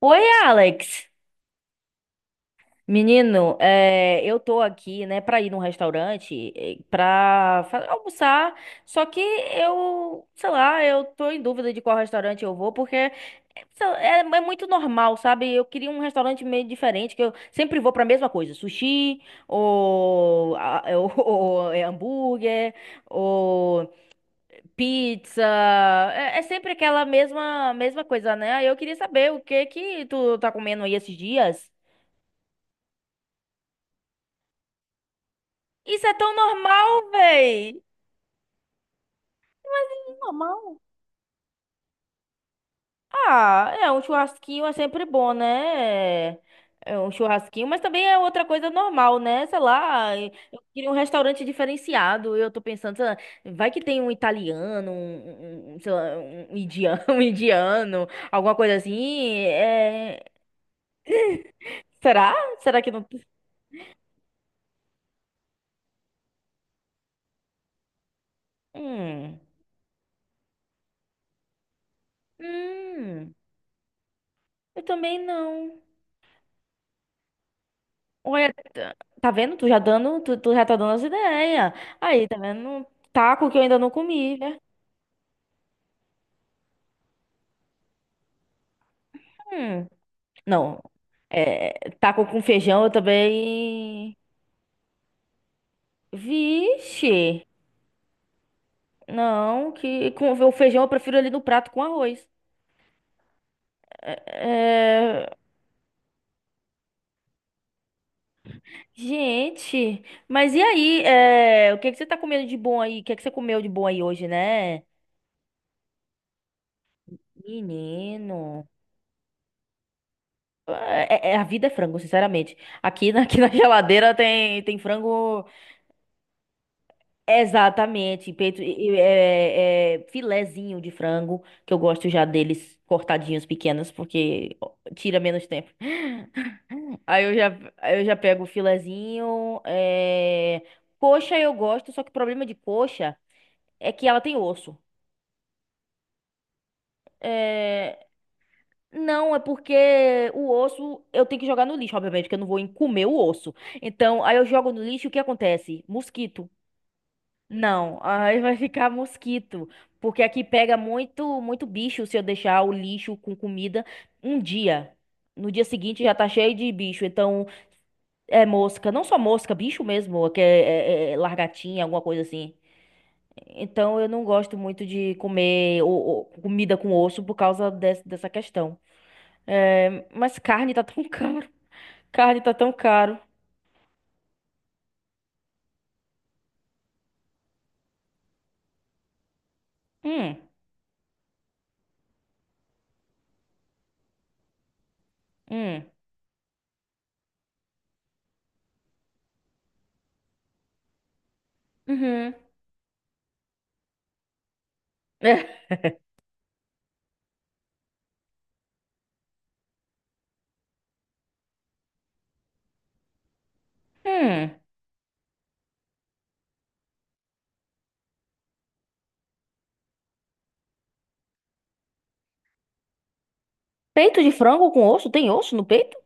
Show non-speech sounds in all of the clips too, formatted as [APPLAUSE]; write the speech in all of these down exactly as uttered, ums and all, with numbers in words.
Oi, Alex. Menino, é, eu tô aqui, né, pra ir num restaurante, eh, pra fa- almoçar, só que eu, sei lá, eu tô em dúvida de qual restaurante eu vou, porque eh, sei lá, é, é muito normal, sabe? Eu queria um restaurante meio diferente, que eu sempre vou pra mesma coisa, sushi, ou, a- é, ou- [LAUGHS] ou é hambúrguer, ou pizza, é, é sempre aquela mesma, mesma coisa, né? Aí eu queria saber o que que tu tá comendo aí esses dias. Isso é tão normal, véi. Normal. Ah, é um churrasquinho é sempre bom, né? É um churrasquinho, mas também é outra coisa normal, né? Sei lá, eu queria um restaurante diferenciado. Eu tô pensando, sei lá, vai que tem um italiano, um, um- um, sei lá, um indiano, [LAUGHS] um indiano, alguma coisa assim. é, Será? Será que não? Hum. Hum. Eu também não. Olha, tá tá vendo? Tu já dando, tu, tu já tá dando as ideias. Aí, tá vendo? Um taco que eu ainda não comi, né? Hum, não. É, taco com feijão eu também. Vixe! Não, que com o feijão eu prefiro ali no prato com arroz. É, Gente, mas e aí? é, O que que você tá comendo de bom aí? O que que você comeu de bom aí hoje, né? Menino. É, é- a vida é frango, sinceramente. Aqui na, [LAUGHS] aqui na geladeira tem, tem frango. Exatamente, peito, e- é, é, filezinho de frango, que eu gosto já deles cortadinhos pequenos, porque tira menos tempo. [LAUGHS] Aí eu já, aí eu já pego o filezinho, é, coxa eu gosto, só que o problema de coxa é que ela tem osso. É, não, é porque o osso eu tenho que jogar no lixo, obviamente, porque eu não vou em- comer o osso. Então, aí eu jogo no lixo, e o que acontece? Mosquito. Não, aí vai ficar mosquito, porque aqui pega muito, muito bicho se eu deixar o lixo com comida um dia. No dia seguinte já tá cheio de bicho, então é mosca, não só mosca, bicho mesmo, que é, é- é é largatinha, alguma coisa assim. Então eu não gosto muito de comer o- o- comida com osso por causa des- dessa questão. É, mas carne tá tão [LAUGHS] caro, carne tá tão caro. Hum, hum, uhum. [LAUGHS] hum. Peito de frango com osso? Tem osso no peito?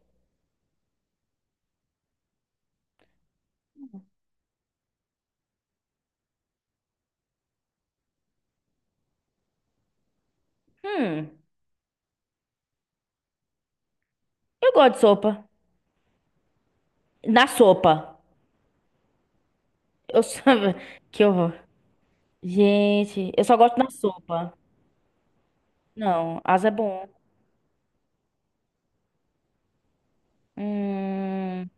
Hum, eu gosto de sopa. Na sopa. Eu só... [LAUGHS] Que horror. Gente, eu só gosto na sopa. Não, asa é bom. Hum...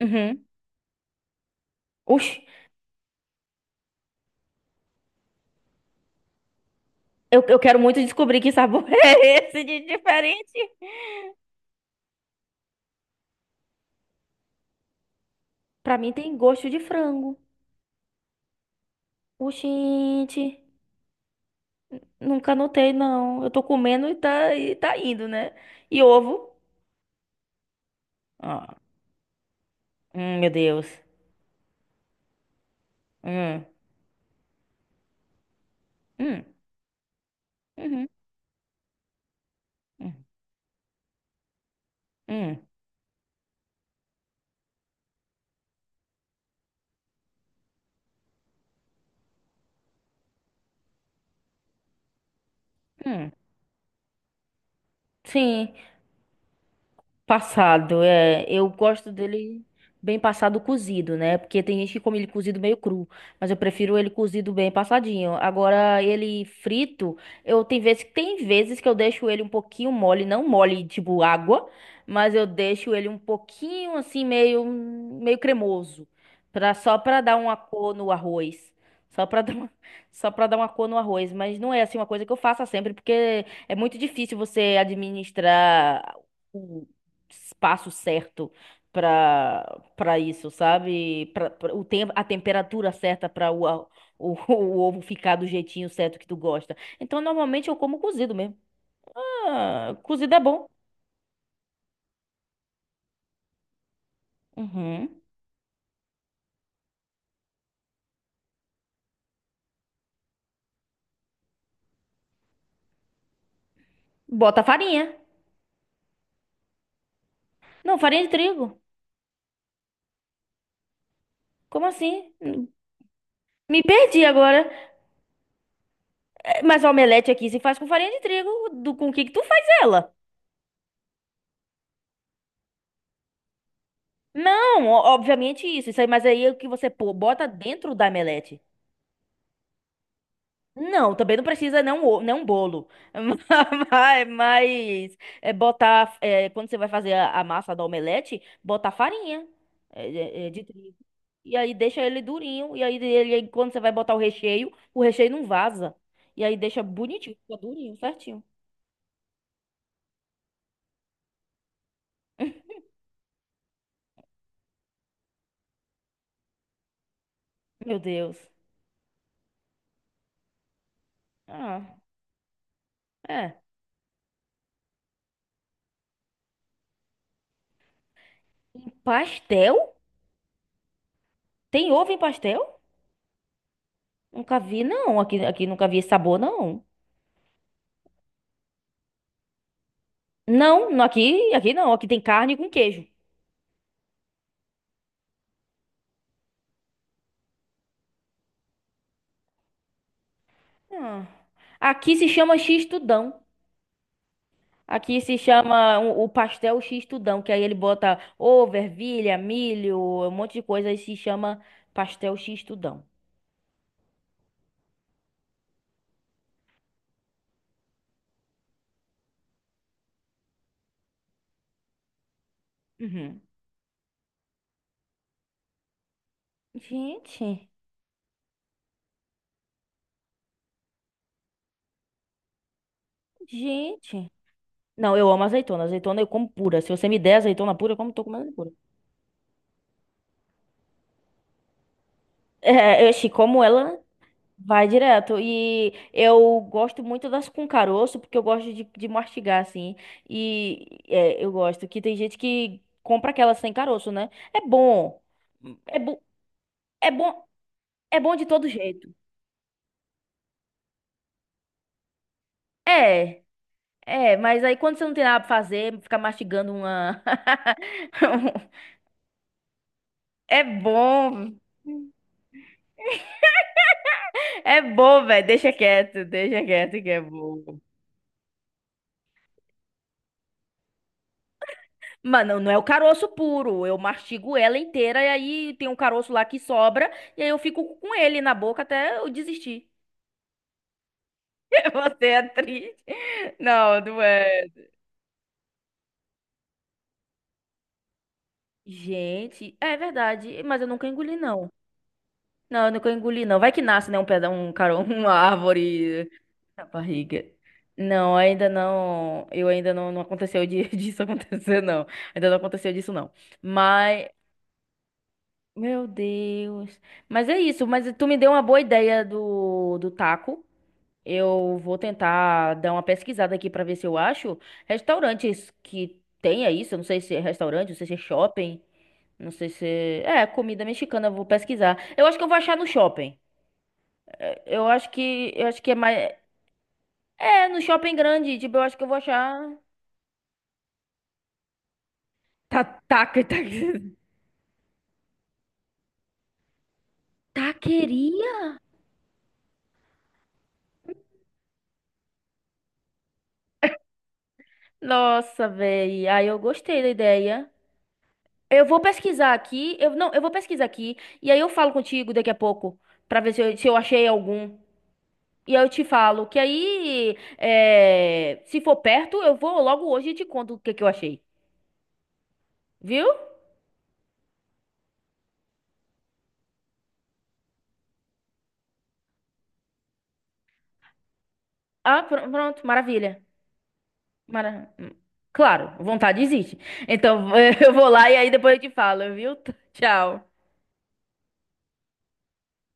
Uhum. Ux, eu, eu quero muito descobrir que sabor [LAUGHS] é esse de diferente. Pra mim tem gosto de frango. Oxente, nunca notei, não. Eu tô comendo e tá, e tá indo, né? E ovo? Ah, hum, meu Deus. Hum, hum, uhum, hum, hum, hum. Sim. Passado, é. Eu gosto dele bem passado cozido, né? Porque tem gente que come ele cozido meio cru, mas eu prefiro ele cozido bem passadinho. Agora, ele frito, eu tem vezes, tem vezes que eu deixo ele um pouquinho mole, não mole tipo água, mas eu deixo ele um pouquinho assim meio meio cremoso, para só para dar uma cor no arroz. Só para [LAUGHS] dar uma, só para dar uma cor no arroz, mas não é assim uma coisa que eu faça sempre, porque é muito difícil você administrar espaço certo para para isso, sabe? Pra, pra- o tempo, a temperatura certa para o, a- o, [LAUGHS] o ovo ficar do jeitinho certo que tu gosta. Então, normalmente eu como cozido mesmo. Ah, cozido é bom. Uhum. Bota farinha. Não, farinha de trigo. Como assim? Me perdi agora. É, Mas a omelete aqui se faz com farinha de trigo. Do, com o que que tu faz ela? Não, o- obviamente isso. Isso aí, mas aí é o que você pô, bota dentro da omelete. Não, também não precisa não o- não bolo, [LAUGHS] mas, mas é botar é, quando você vai fazer a, a massa do omelete, botar farinha é, é, é, de trigo e aí deixa ele durinho e aí ele quando você vai botar o recheio, o recheio não vaza e aí deixa bonitinho, fica durinho, certinho. [LAUGHS] Meu Deus. Ah, é. Pastel? Tem ovo em pastel? Nunca vi, não. Aqui, aqui nunca vi esse sabor, não. Não, no- aqui, aqui não. Aqui tem carne com queijo. Ah, aqui se chama X-tudão. Aqui se chama o o pastel X-tudão, que aí ele bota ovo, ervilha, milho, um monte de coisa e se chama pastel X-tudão. Uhum. Gente, gente. Não, eu amo azeitona. Azeitona eu como pura. Se você me der azeitona pura, eu como tô comendo ela pura. É, eu como ela vai direto. E eu gosto muito das com caroço, porque eu gosto de, de mastigar, assim. E é, eu gosto que tem gente que compra aquelas sem caroço, né? É bom. É, bo é bom. É bom de todo jeito. É, é, mas aí quando você não tem nada pra fazer, ficar mastigando uma. [LAUGHS] É bom. É bom, velho. Deixa quieto, deixa quieto que é bom. Mano, não é o caroço puro. Eu mastigo ela inteira e aí tem um caroço lá que sobra e aí eu fico com ele na boca até eu desistir. [LAUGHS] Você é triste. Não, não é. Gente, é verdade, mas eu nunca engoli não. Não, eu nunca engoli não. Vai que nasce, né, um peda um caro, [LAUGHS] uma árvore na barriga. Não, ainda não. Eu ainda não, não aconteceu de, [LAUGHS] disso acontecer não. Ainda não aconteceu disso não. Mas meu Deus. Mas é isso, mas tu me deu uma boa ideia do, do taco. Eu vou tentar dar uma pesquisada aqui pra ver se eu acho restaurantes que tenha isso. Eu não sei se é restaurante, não sei se é shopping, não sei se é, é comida mexicana, eu vou pesquisar. Eu acho que eu vou achar no shopping. Eu acho que eu acho que é mais é no shopping grande, tipo, eu acho que eu vou achar. Ta- taca, taca. [LAUGHS] Taqueria? Nossa, velho. Aí eu gostei da ideia. Eu vou pesquisar aqui. Eu não, eu vou pesquisar aqui e aí eu falo contigo daqui a pouco pra ver se eu, se eu achei algum. E aí eu te falo que aí é, se for perto eu vou logo hoje e te conto o que que eu achei, viu? Ah, pr- pronto, maravilha. Mara... Claro, vontade existe. Então [LAUGHS] eu vou lá e aí depois eu te falo, viu? Tchau.